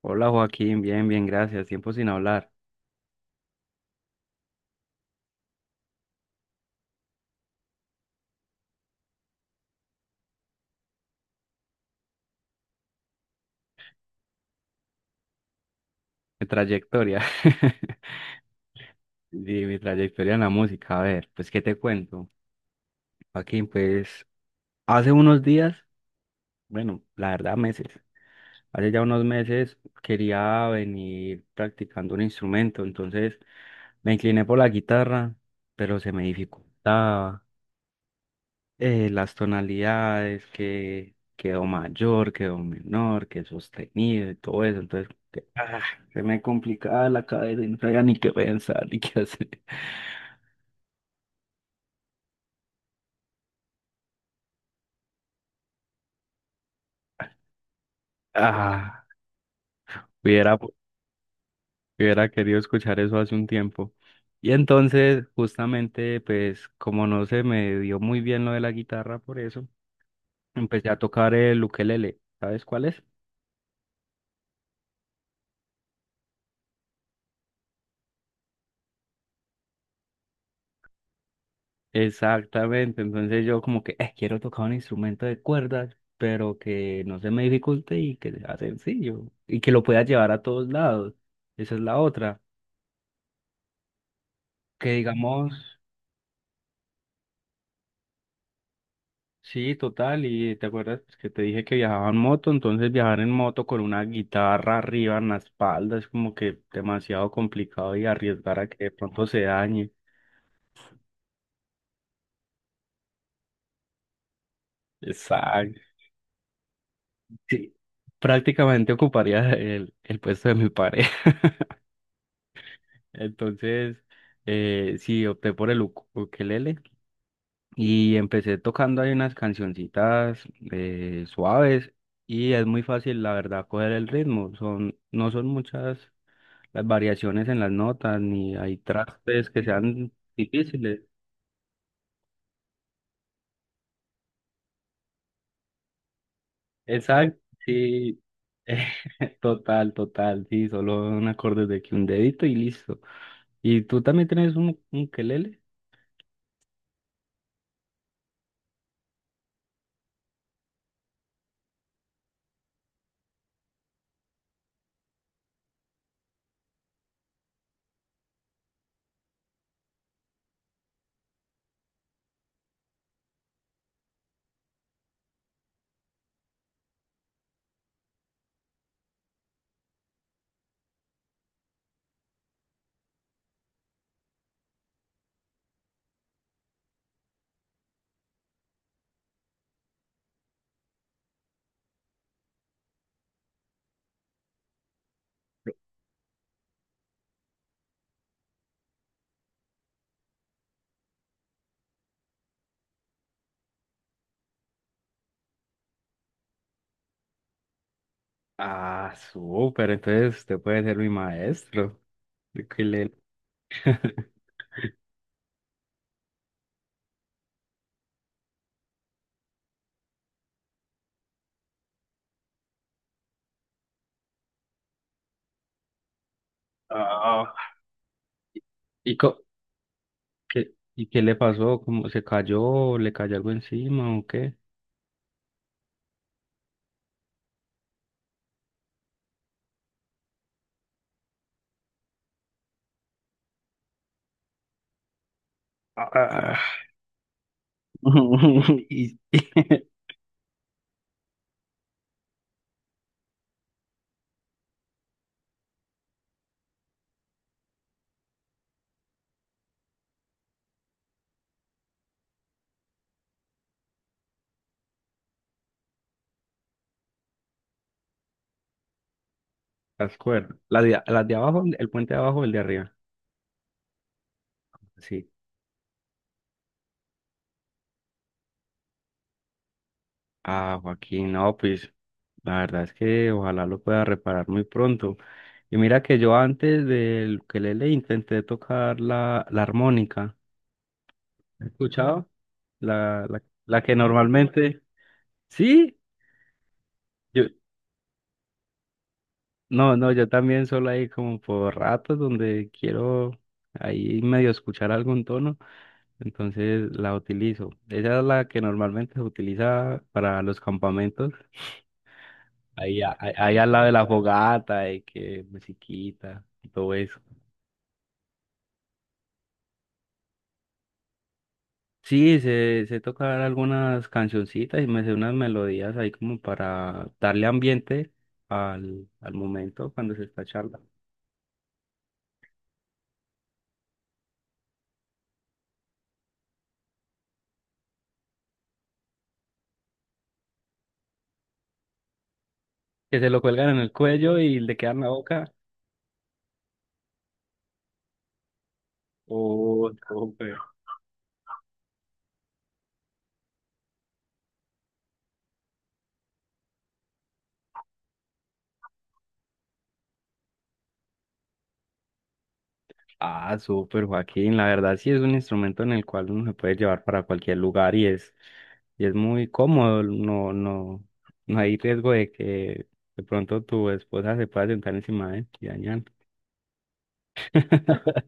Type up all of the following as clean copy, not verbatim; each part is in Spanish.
Hola Joaquín, bien, bien, gracias. Tiempo sin hablar. Mi trayectoria. Sí, mi trayectoria en la música. A ver, pues, ¿qué te cuento? Joaquín, pues, hace unos días, bueno, la verdad, meses. Hace ya unos meses quería venir practicando un instrumento, entonces me incliné por la guitarra, pero se me dificultaba. Las tonalidades, que quedó mayor, quedó menor, que sostenido y todo eso. Entonces, que, se me complicaba la cabeza y no sabía ni qué pensar ni qué hacer. Ah, hubiera, hubiera querido escuchar eso hace un tiempo. Y entonces, justamente, pues, como no se me dio muy bien lo de la guitarra, por eso, empecé a tocar el ukelele. ¿Sabes cuál es? Exactamente, entonces yo como que quiero tocar un instrumento de cuerdas, pero que no se me dificulte y que sea sencillo y que lo pueda llevar a todos lados. Esa es la otra". Que digamos, sí, total, y te acuerdas que te dije que viajaba en moto, entonces viajar en moto con una guitarra arriba en la espalda es como que demasiado complicado y arriesgar a que de pronto se dañe. Exacto. Sí, prácticamente ocuparía el puesto de mi pareja. Entonces, sí, opté por el ukelele y empecé tocando ahí unas cancioncitas suaves, y es muy fácil, la verdad, coger el ritmo. Son, no son muchas las variaciones en las notas, ni hay trastes que sean difíciles. Exacto, sí. Total, total, sí, solo un acorde de que un dedito y listo. ¿Y tú también tienes un ukelele? Ah, súper, entonces usted puede ser mi maestro. Ukelele. Ah, ¿Y, co- qué, ¿y qué le pasó? ¿Cómo se cayó? ¿Le cayó algo encima o qué? Ah, y las cuerdas. Las de abajo, el puente de abajo, el de arriba. Sí. Ah, Joaquín, no, pues la verdad es que ojalá lo pueda reparar muy pronto. Y mira que yo antes del ukelele intenté tocar la armónica. ¿Has escuchado? La que normalmente... Sí, yo, no, no, yo también solo ahí como por ratos donde quiero ahí medio escuchar algún tono, entonces la utilizo. Esa es la que normalmente se utiliza para los campamentos, ahí, ahí al lado de la fogata y que musiquita y todo eso. Sí, sé, sé tocar algunas cancioncitas y me sé unas melodías ahí como para darle ambiente al momento cuando se está charlando. Que se lo cuelgan en el cuello y le quedan en la boca. Oh, no. Ah, súper, Joaquín. La verdad sí es un instrumento en el cual uno se puede llevar para cualquier lugar y es muy cómodo. No, no, no hay riesgo de que de pronto tu esposa se pueda sentar encima de él y dañar.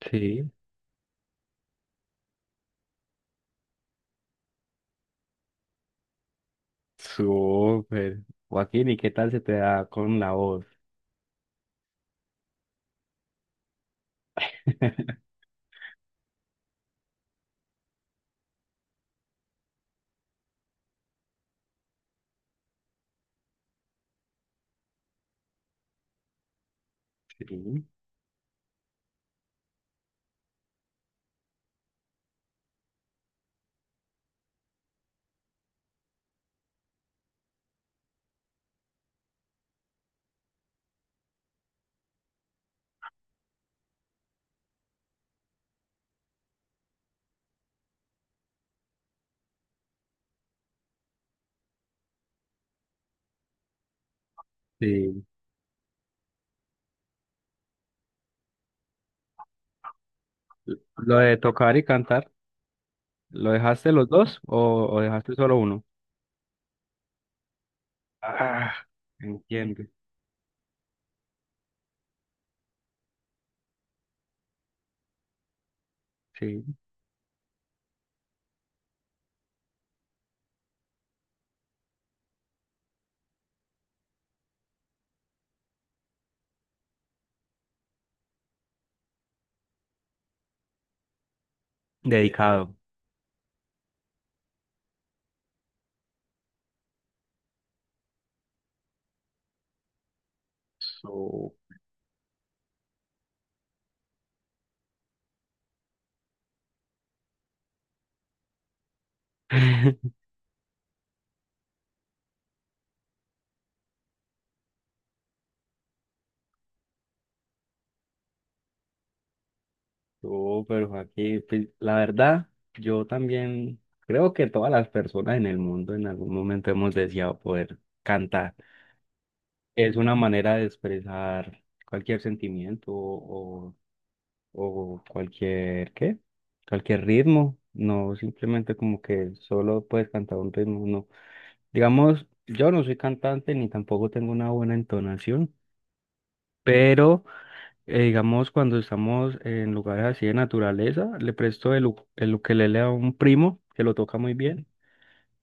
Sí, súper. Joaquín, ¿y qué tal se te da con la voz? Sí. Sí. Lo de tocar y cantar, ¿lo dejaste los dos o dejaste solo uno? Ah, entiendo. Sí. Dedicado. Súper. No, pero aquí pues, la verdad, yo también creo que todas las personas en el mundo en algún momento hemos deseado poder cantar. Es una manera de expresar cualquier sentimiento o cualquier, ¿qué? Cualquier ritmo. No simplemente como que solo puedes cantar un ritmo, no. Digamos, yo no soy cantante ni tampoco tengo una buena entonación, pero... digamos, cuando estamos en lugares así de naturaleza, le presto el ukelele a un primo que lo toca muy bien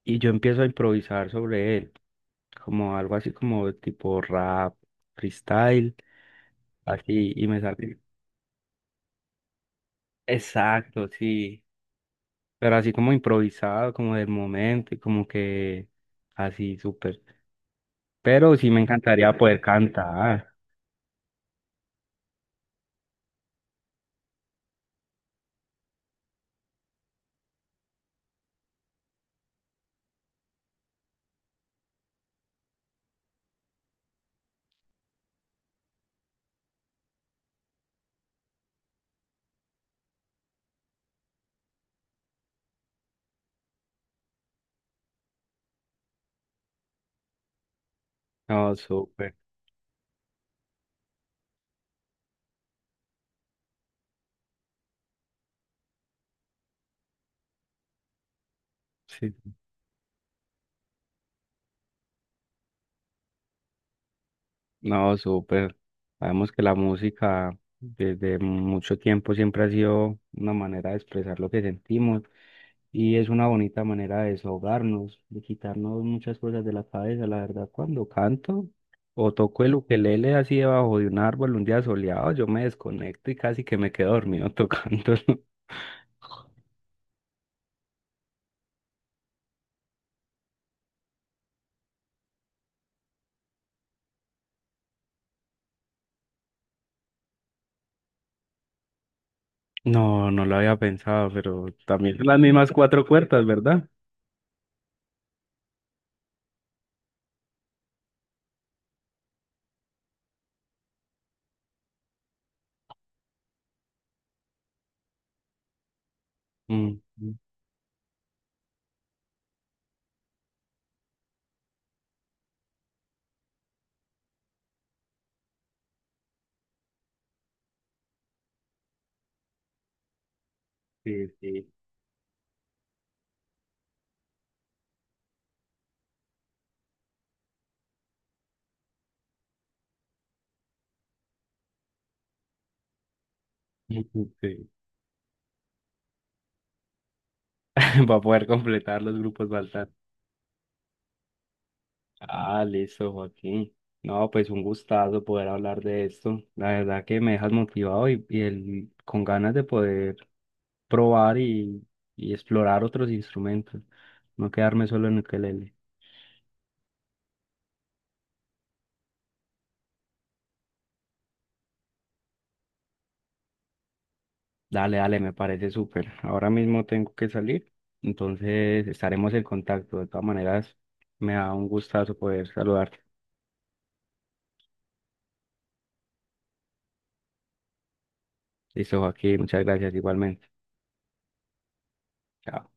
y yo empiezo a improvisar sobre él, como algo así como tipo rap, freestyle, así, y me sale. Exacto, sí, pero así como improvisado, como del momento y como que así, súper. Pero sí me encantaría poder cantar. No, súper. Sí. No, súper. Sabemos que la música desde mucho tiempo siempre ha sido una manera de expresar lo que sentimos y es una bonita manera de desahogarnos, de quitarnos muchas cosas de la cabeza. La verdad, cuando canto o toco el ukelele así debajo de un árbol un día soleado, yo me desconecto y casi que me quedo dormido tocando. No, no lo había pensado, pero también son las mismas cuatro cuerdas, ¿verdad? Mm, sí, sí. Sí. Para poder completar los grupos faltantes. Ah, listo, Joaquín. No, pues un gustazo poder hablar de esto. La verdad que me dejas motivado y con ganas de poder probar y explorar otros instrumentos. No quedarme solo en ukelele. Dale, dale, me parece súper. Ahora mismo tengo que salir, entonces estaremos en contacto. De todas maneras, me da un gustazo poder saludarte. Listo, Joaquín, muchas gracias igualmente. Chao.